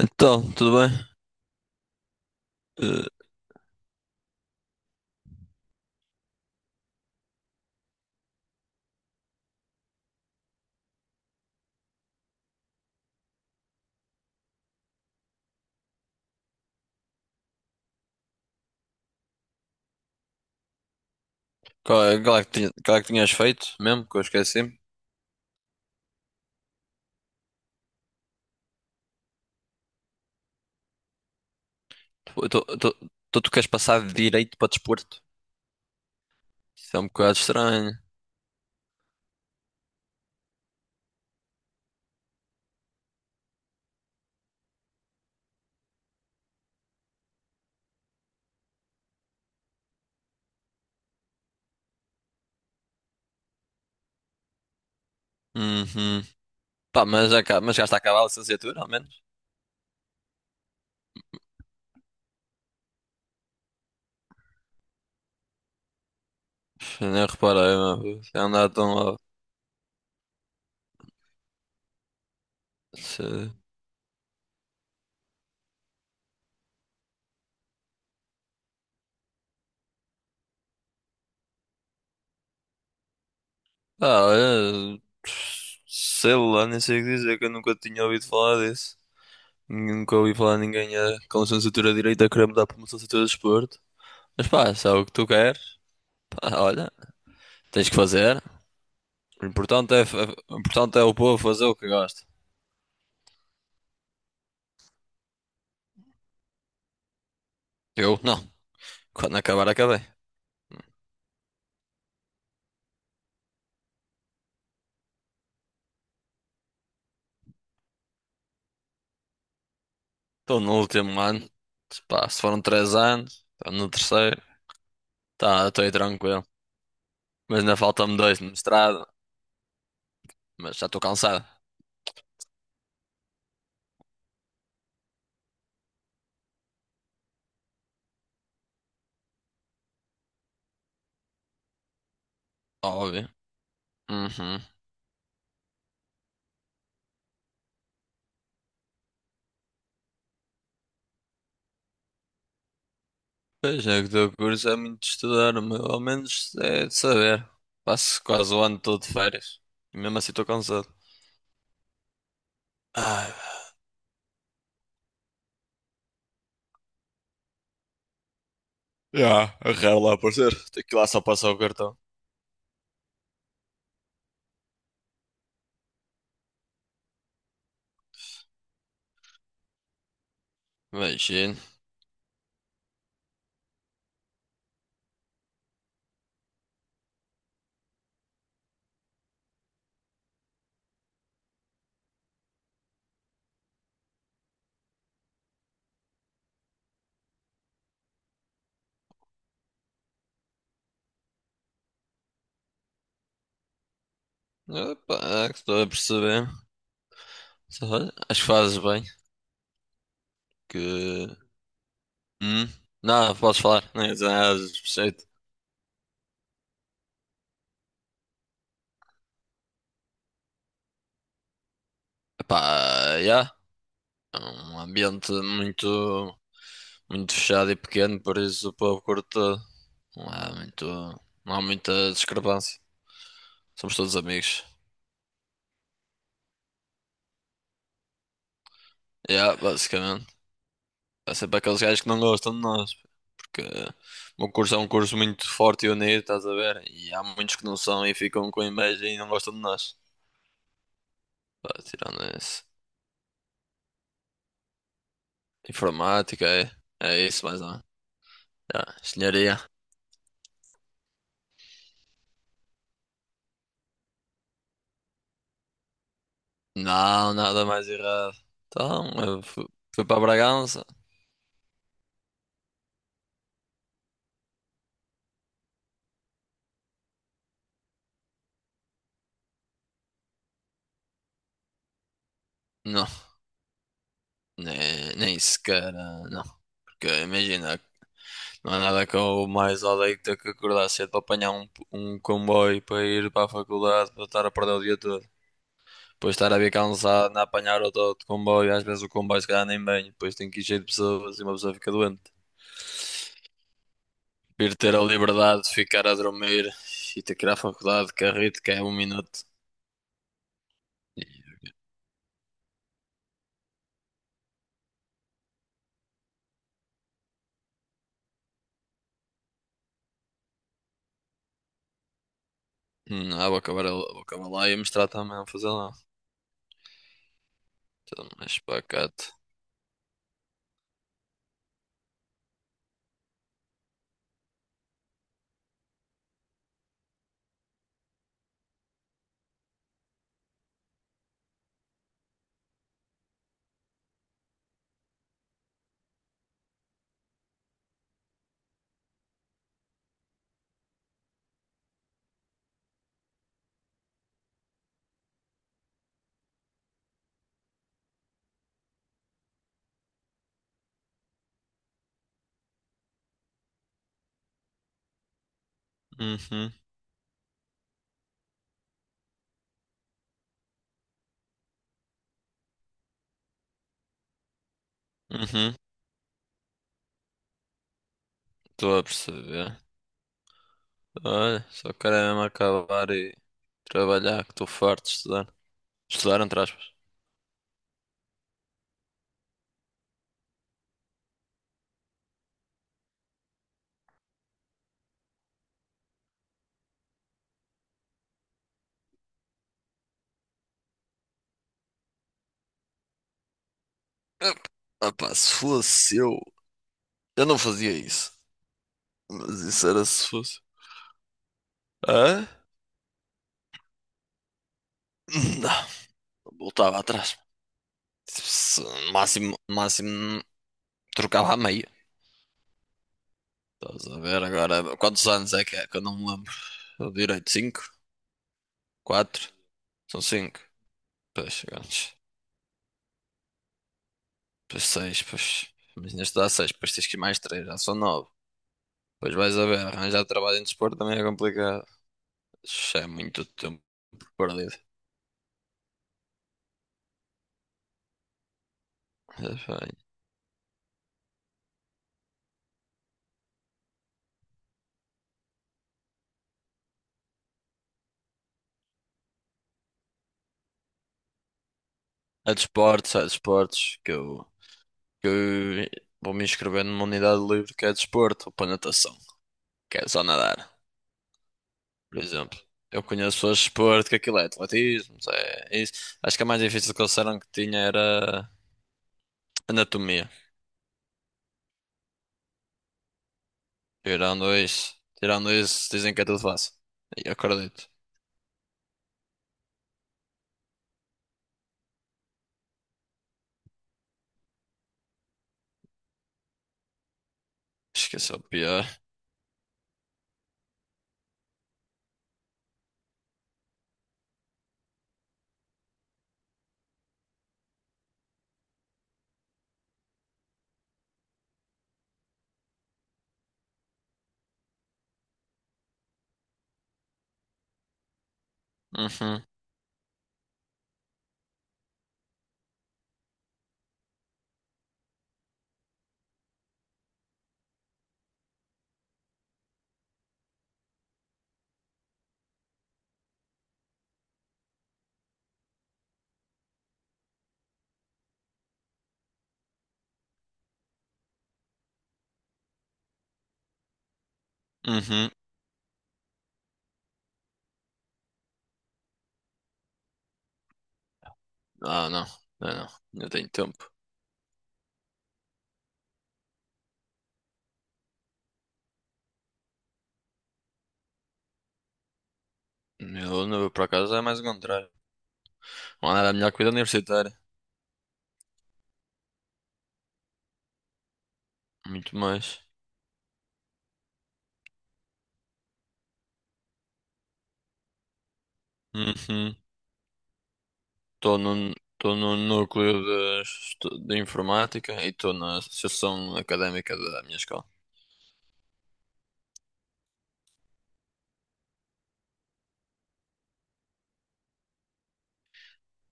Então, tudo bem? Eh, qual é que tinha- qual é que tinhas feito mesmo? Que eu esqueci. Então tu queres passar de direito para desporto? Isso é um bocado estranho. Uhum. Pá, mas já está a acabar a licenciatura, ao menos. Pff, nem reparei, meu. Se andar tão lá. Se... Ah, olha. Sei lá, nem sei o que dizer, que eu nunca tinha ouvido falar disso. Nunca ouvi falar de ninguém com licenciatura de direito a querer mudar para uma licenciatura de desporto. Mas pá, se é o que tu queres, pá, olha, tens que fazer. O importante é o povo fazer o que gosta. Eu não. Quando acabar, acabei. Estou no último ano. Se Pá, se foram 3 anos, estou no terceiro. Tá, estou aí tranquilo. Mas ainda faltam-me dois no mestrado. Mas já estou cansado. Óbvio. Uhum. Pois é, que o teu curso é muito estudar, mas ao menos é de saber. Passo quase o ano todo de férias. E mesmo assim estou cansado. ah já, é raro lá aparecer. Tenho que ir lá só passar o cartão. Imagino. Opa, é que estou a perceber. Acho que fazes bem. Que. Hum? Não, posso falar. Não ia dizer nada de especial. Epá, yeah. É um ambiente muito, muito fechado e pequeno, por isso o povo curte. Não há muito, não há muita discrepância. Somos todos amigos. Yeah, basicamente. Há sempre aqueles gajos que não gostam de nós, porque o meu curso é um curso muito forte e unido, estás a ver? E há muitos que não são e ficam com inveja e não gostam de nós. Pá, tirando isso. Informática, é isso mais ou... Ah, senhoria, não, nada mais errado. Então, eu fui para Bragança? Não, nem sequer, não. Porque imagina, não há nada que eu mais odeio que ter que acordar cedo para apanhar um comboio para ir para a faculdade, para estar a perder o dia todo. Depois estar a vir cansado, a apanhar outro comboio, às vezes o comboio se calhar nem bem, depois tem que ir cheio de pessoas e uma pessoa fica doente. Ir ter a liberdade de ficar a dormir e ter que ir à faculdade de carrito, que é 1 minuto. Ah, vou acabar lá e a mostrar também a fazer lá. Tudo mais pacato. Uhum, uhum. Estou a perceber. Olha, só quero é mesmo acabar e trabalhar, que estou farto de estudar. Estudar, entre aspas. Ah, ah, pá, se fosse eu, não fazia isso. Mas isso era se fosse. Hã? Não, voltava atrás. No máximo, no máximo, trocava a meia. Estás a ver agora? Quantos anos é? Que eu não me lembro. Eu direito, cinco? Quatro? São cinco. Pois, segundos. Pois seis, pois. Mas ainda estou seis, depois tens que ir mais três, já são nove. Depois vais a ver, arranjar trabalho em desporto também é complicado. Isso é muito tempo perdido. Mas, bem, é desportos, é desportos, que eu vou me inscrever numa unidade livre que é desporto, ou para natação, que é só nadar, por exemplo. Eu conheço pessoas de desporto, que aquilo é atletismo, é isso. Acho que a mais difícil que eles disseram que tinha era anatomia. Tirando isso, dizem que é tudo fácil. E eu acredito. Esqueceu o pior. Uhum, uhum. Ah, não, não, não. Eu tenho tempo. Meu número, por acaso, é mais o contrário. Mano, era a melhor que vida universitária. Muito mais. Uhum. Estou no núcleo de informática e estou na associação académica da minha escola.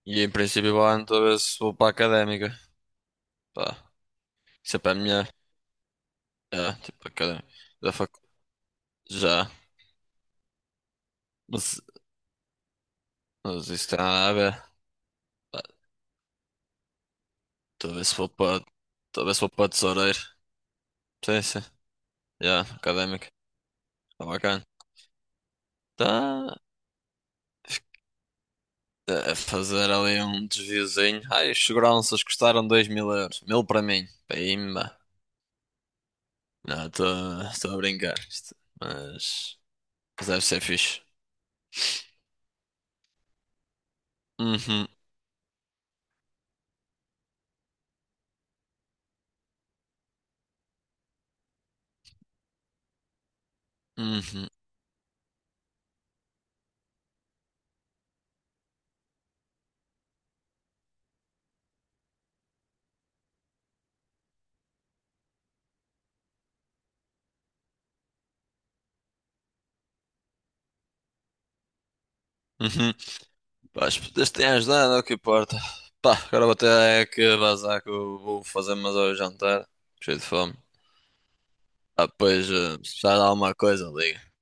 E em princípio, vou lá então ver se vou para a académica. Pá, isso é para a minha. É, tipo, académica. Da fac... Já. Não existe nada a ver. Pá, Talvez se for para, talvez se for para tesoureiro. Sim, sim. Já, académico. Está bacana. Tá a fazer ali um desviozinho. Ai, os seguranças custaram 2000 euros. 1000 para mim. Pimba. Não, estou a brincar. Mas deve ser fixe. Uhum, uhum, uhum. Pá, as putas têm ajudado, é o que importa. Pá, agora vou ter é que vazar que eu vou fazer mais ao jantar. Cheio de fome. Ah, pois, se precisar de alguma coisa, liga.